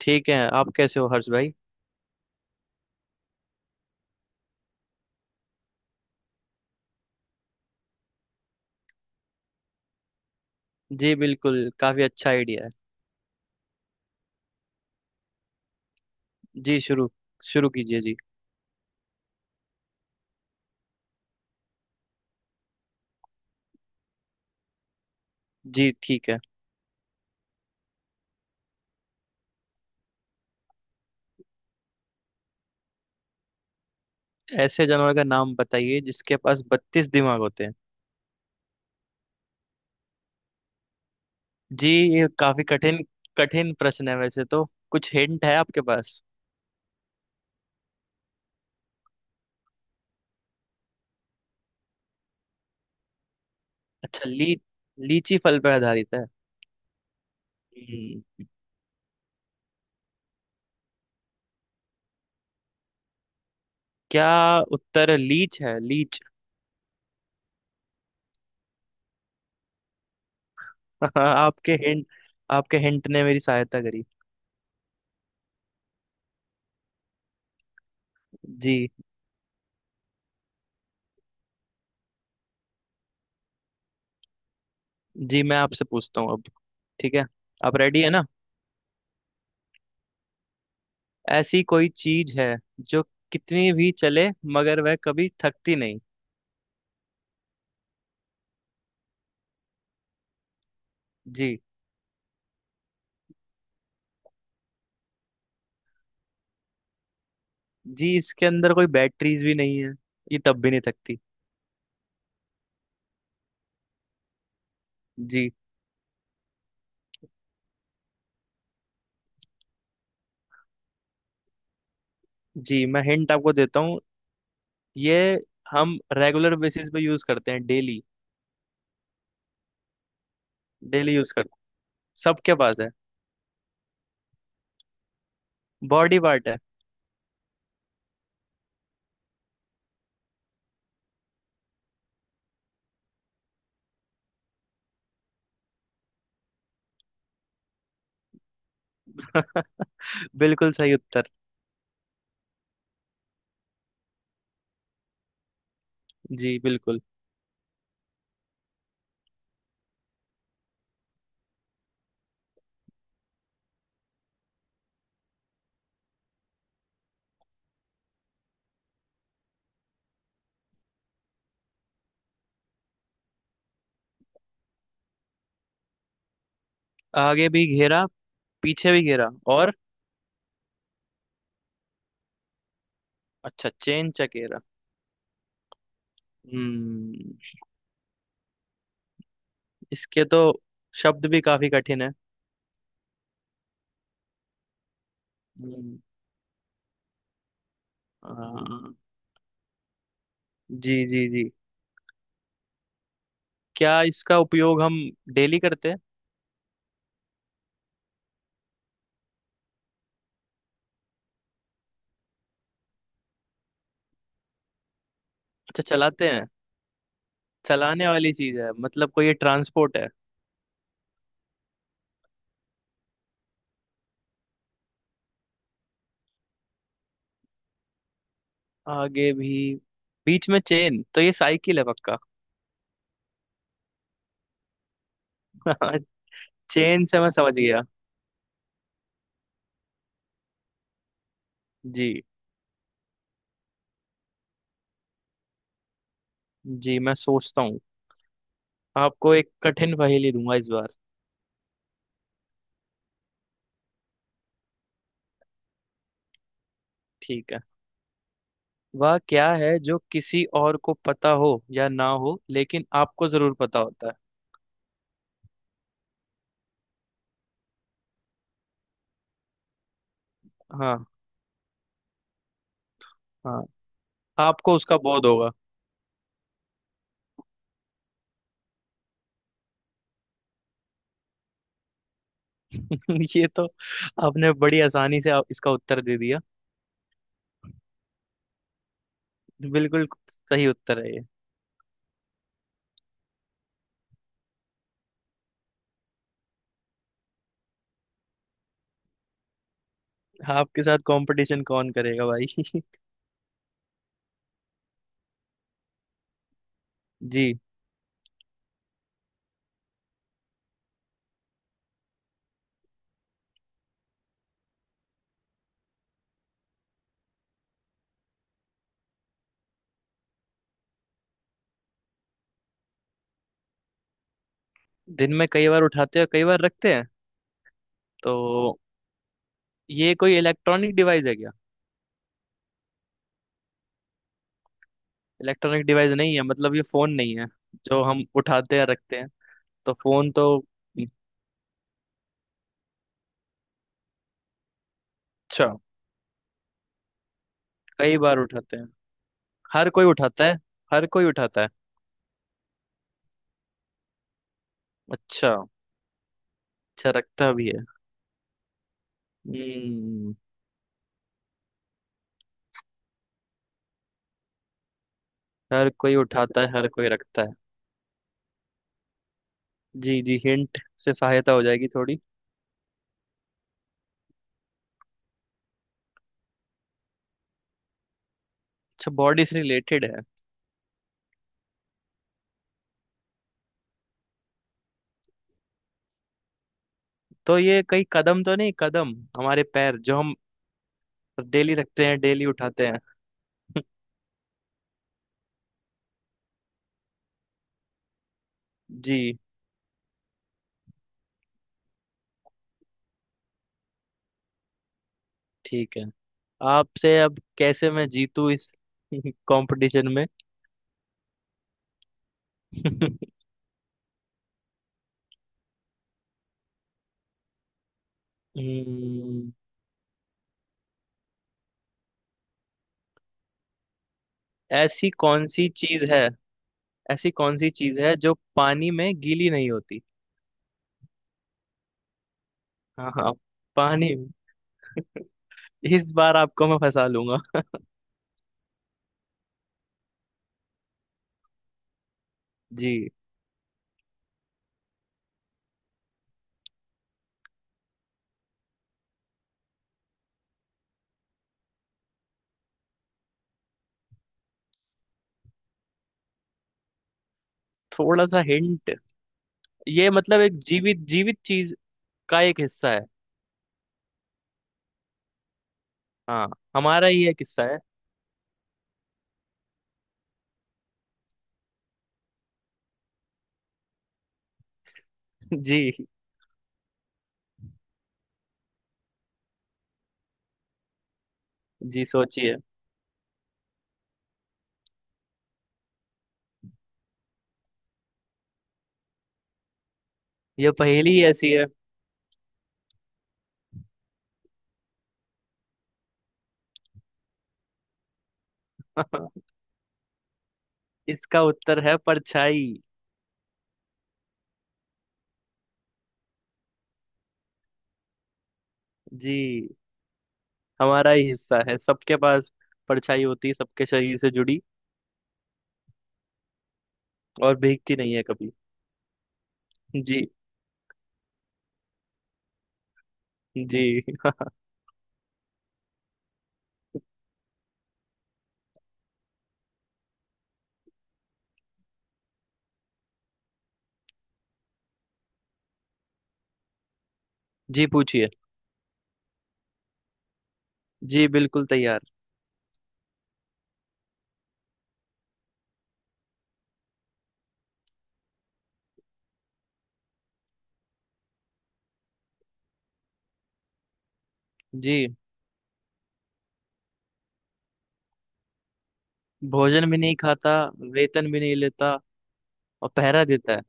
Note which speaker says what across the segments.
Speaker 1: ठीक है। आप कैसे हो हर्ष भाई? जी बिल्कुल, काफी अच्छा आइडिया है। जी शुरू, शुरू कीजिए जी। जी ठीक है। ऐसे जानवर का नाम बताइए जिसके पास 32 दिमाग होते हैं? जी, ये काफी कठिन कठिन प्रश्न है वैसे तो। कुछ हिंट है आपके पास? अच्छा, ली लीची फल पर आधारित है। हम्म, क्या उत्तर लीच है, लीच? आपके हिंट, आपके हिंट ने मेरी सहायता करी। जी। जी मैं आपसे पूछता हूँ अब। ठीक है। आप रेडी है ना? ऐसी कोई चीज है जो कितनी भी चले मगर वह कभी थकती नहीं। जी। जी इसके अंदर कोई बैटरीज भी नहीं है, ये तब भी नहीं थकती। जी। जी मैं हिंट आपको देता हूँ। ये हम रेगुलर बेसिस पे यूज करते हैं डेली। डेली यूज करते हैं। सबके पास है। बॉडी पार्ट है। बिल्कुल सही उत्तर। जी बिल्कुल। आगे भी घेरा, पीछे भी घेरा और अच्छा चेन चकेरा। हम्म। इसके तो शब्द भी काफी कठिन है। हम्म। हाँ। जी जी जी। क्या इसका उपयोग हम डेली करते हैं? अच्छा, चलाते हैं। चलाने वाली चीज है मतलब कोई ये ट्रांसपोर्ट है? आगे भी बीच में चेन, तो ये साइकिल है पक्का। चेन से मैं समझ गया। जी। जी मैं सोचता हूँ। आपको एक कठिन पहेली दूंगा इस बार। ठीक है। वह क्या है जो किसी और को पता हो या ना हो लेकिन आपको जरूर पता होता है? हाँ हाँ। आपको उसका बोध होगा। ये तो आपने बड़ी आसानी से इसका उत्तर दे दिया। बिल्कुल सही उत्तर है ये। आपके साथ कंपटीशन कौन करेगा भाई? जी। दिन में कई बार उठाते हैं, कई बार रखते हैं। तो ये कोई इलेक्ट्रॉनिक डिवाइस है क्या? इलेक्ट्रॉनिक डिवाइस नहीं है मतलब ये फोन नहीं है जो हम उठाते हैं रखते हैं? तो फोन तो अच्छा। कई बार उठाते हैं। हर कोई उठाता है, हर कोई उठाता है। अच्छा, अच्छा रखता भी है। हम्म। हर कोई उठाता है, हर कोई रखता है। जी। जी हिंट से सहायता हो जाएगी थोड़ी। अच्छा बॉडी से रिलेटेड है। तो ये कई कदम तो नहीं, कदम, हमारे पैर जो हम डेली रखते हैं डेली उठाते हैं। जी ठीक है। आपसे अब कैसे मैं जीतूं इस कंपटीशन में? हम्म। ऐसी कौन सी चीज है, ऐसी कौन सी चीज है जो पानी में गीली नहीं होती? हाँ हाँ। पानी, इस बार आपको मैं फंसा लूंगा। जी। थोड़ा सा हिंट, ये मतलब एक जीवित जीवित चीज का एक हिस्सा है। हाँ, हमारा ही एक हिस्सा है। जी। जी सोचिए। ये पहेली ऐसी है। इसका उत्तर है परछाई। जी। हमारा ही हिस्सा है, सबके पास परछाई होती है सबके शरीर से जुड़ी। और भीगती नहीं है कभी। जी। जी। जी पूछिए। जी बिल्कुल तैयार। जी। भोजन भी नहीं खाता, वेतन भी नहीं लेता और पहरा देता है।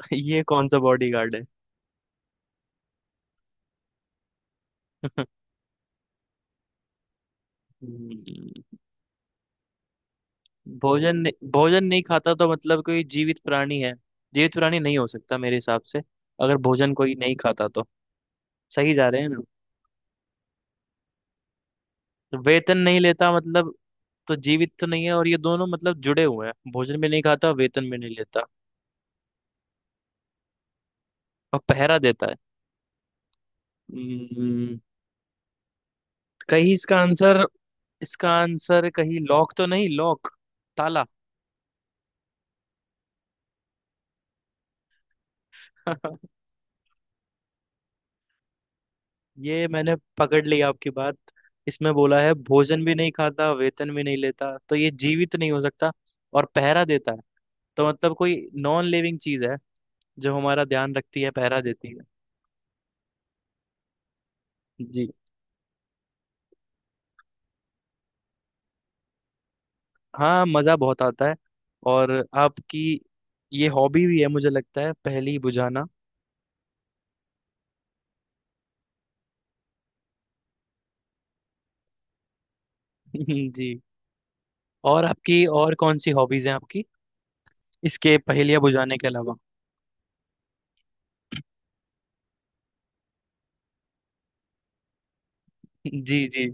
Speaker 1: ये कौन सा बॉडी गार्ड है? हम्म। भोजन नहीं खाता तो मतलब कोई जीवित प्राणी है, जीवित प्राणी नहीं हो सकता मेरे हिसाब से। अगर भोजन कोई नहीं खाता तो सही जा रहे हैं ना? वेतन नहीं लेता मतलब तो जीवित तो नहीं है और ये दोनों मतलब जुड़े हुए हैं, भोजन भी नहीं खाता वेतन भी नहीं लेता। और पहरा देता है। हम्म। कहीं इसका आंसर कहीं लॉक तो नहीं, लॉक, ताला। ये मैंने पकड़ ली आपकी बात। इसमें बोला है भोजन भी नहीं खाता वेतन भी नहीं लेता तो ये जीवित नहीं हो सकता। और पहरा देता है। तो मतलब कोई नॉन लिविंग चीज है जो हमारा ध्यान रखती है, पहरा देती है। जी। हाँ, मज़ा बहुत आता है। और आपकी ये हॉबी भी है मुझे लगता है, पहेली बुझाना। जी। और आपकी, और कौन सी हॉबीज हैं आपकी इसके पहेलियाँ बुझाने के अलावा? जी। जी।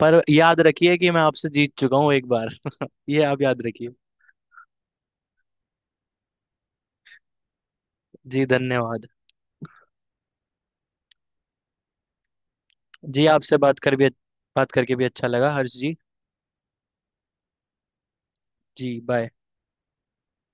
Speaker 1: पर याद रखिए कि मैं आपसे जीत चुका हूँ एक बार। ये आप याद रखिए। जी धन्यवाद। जी आपसे बात कर भी, बात करके भी अच्छा लगा हर्ष जी। जी बाय।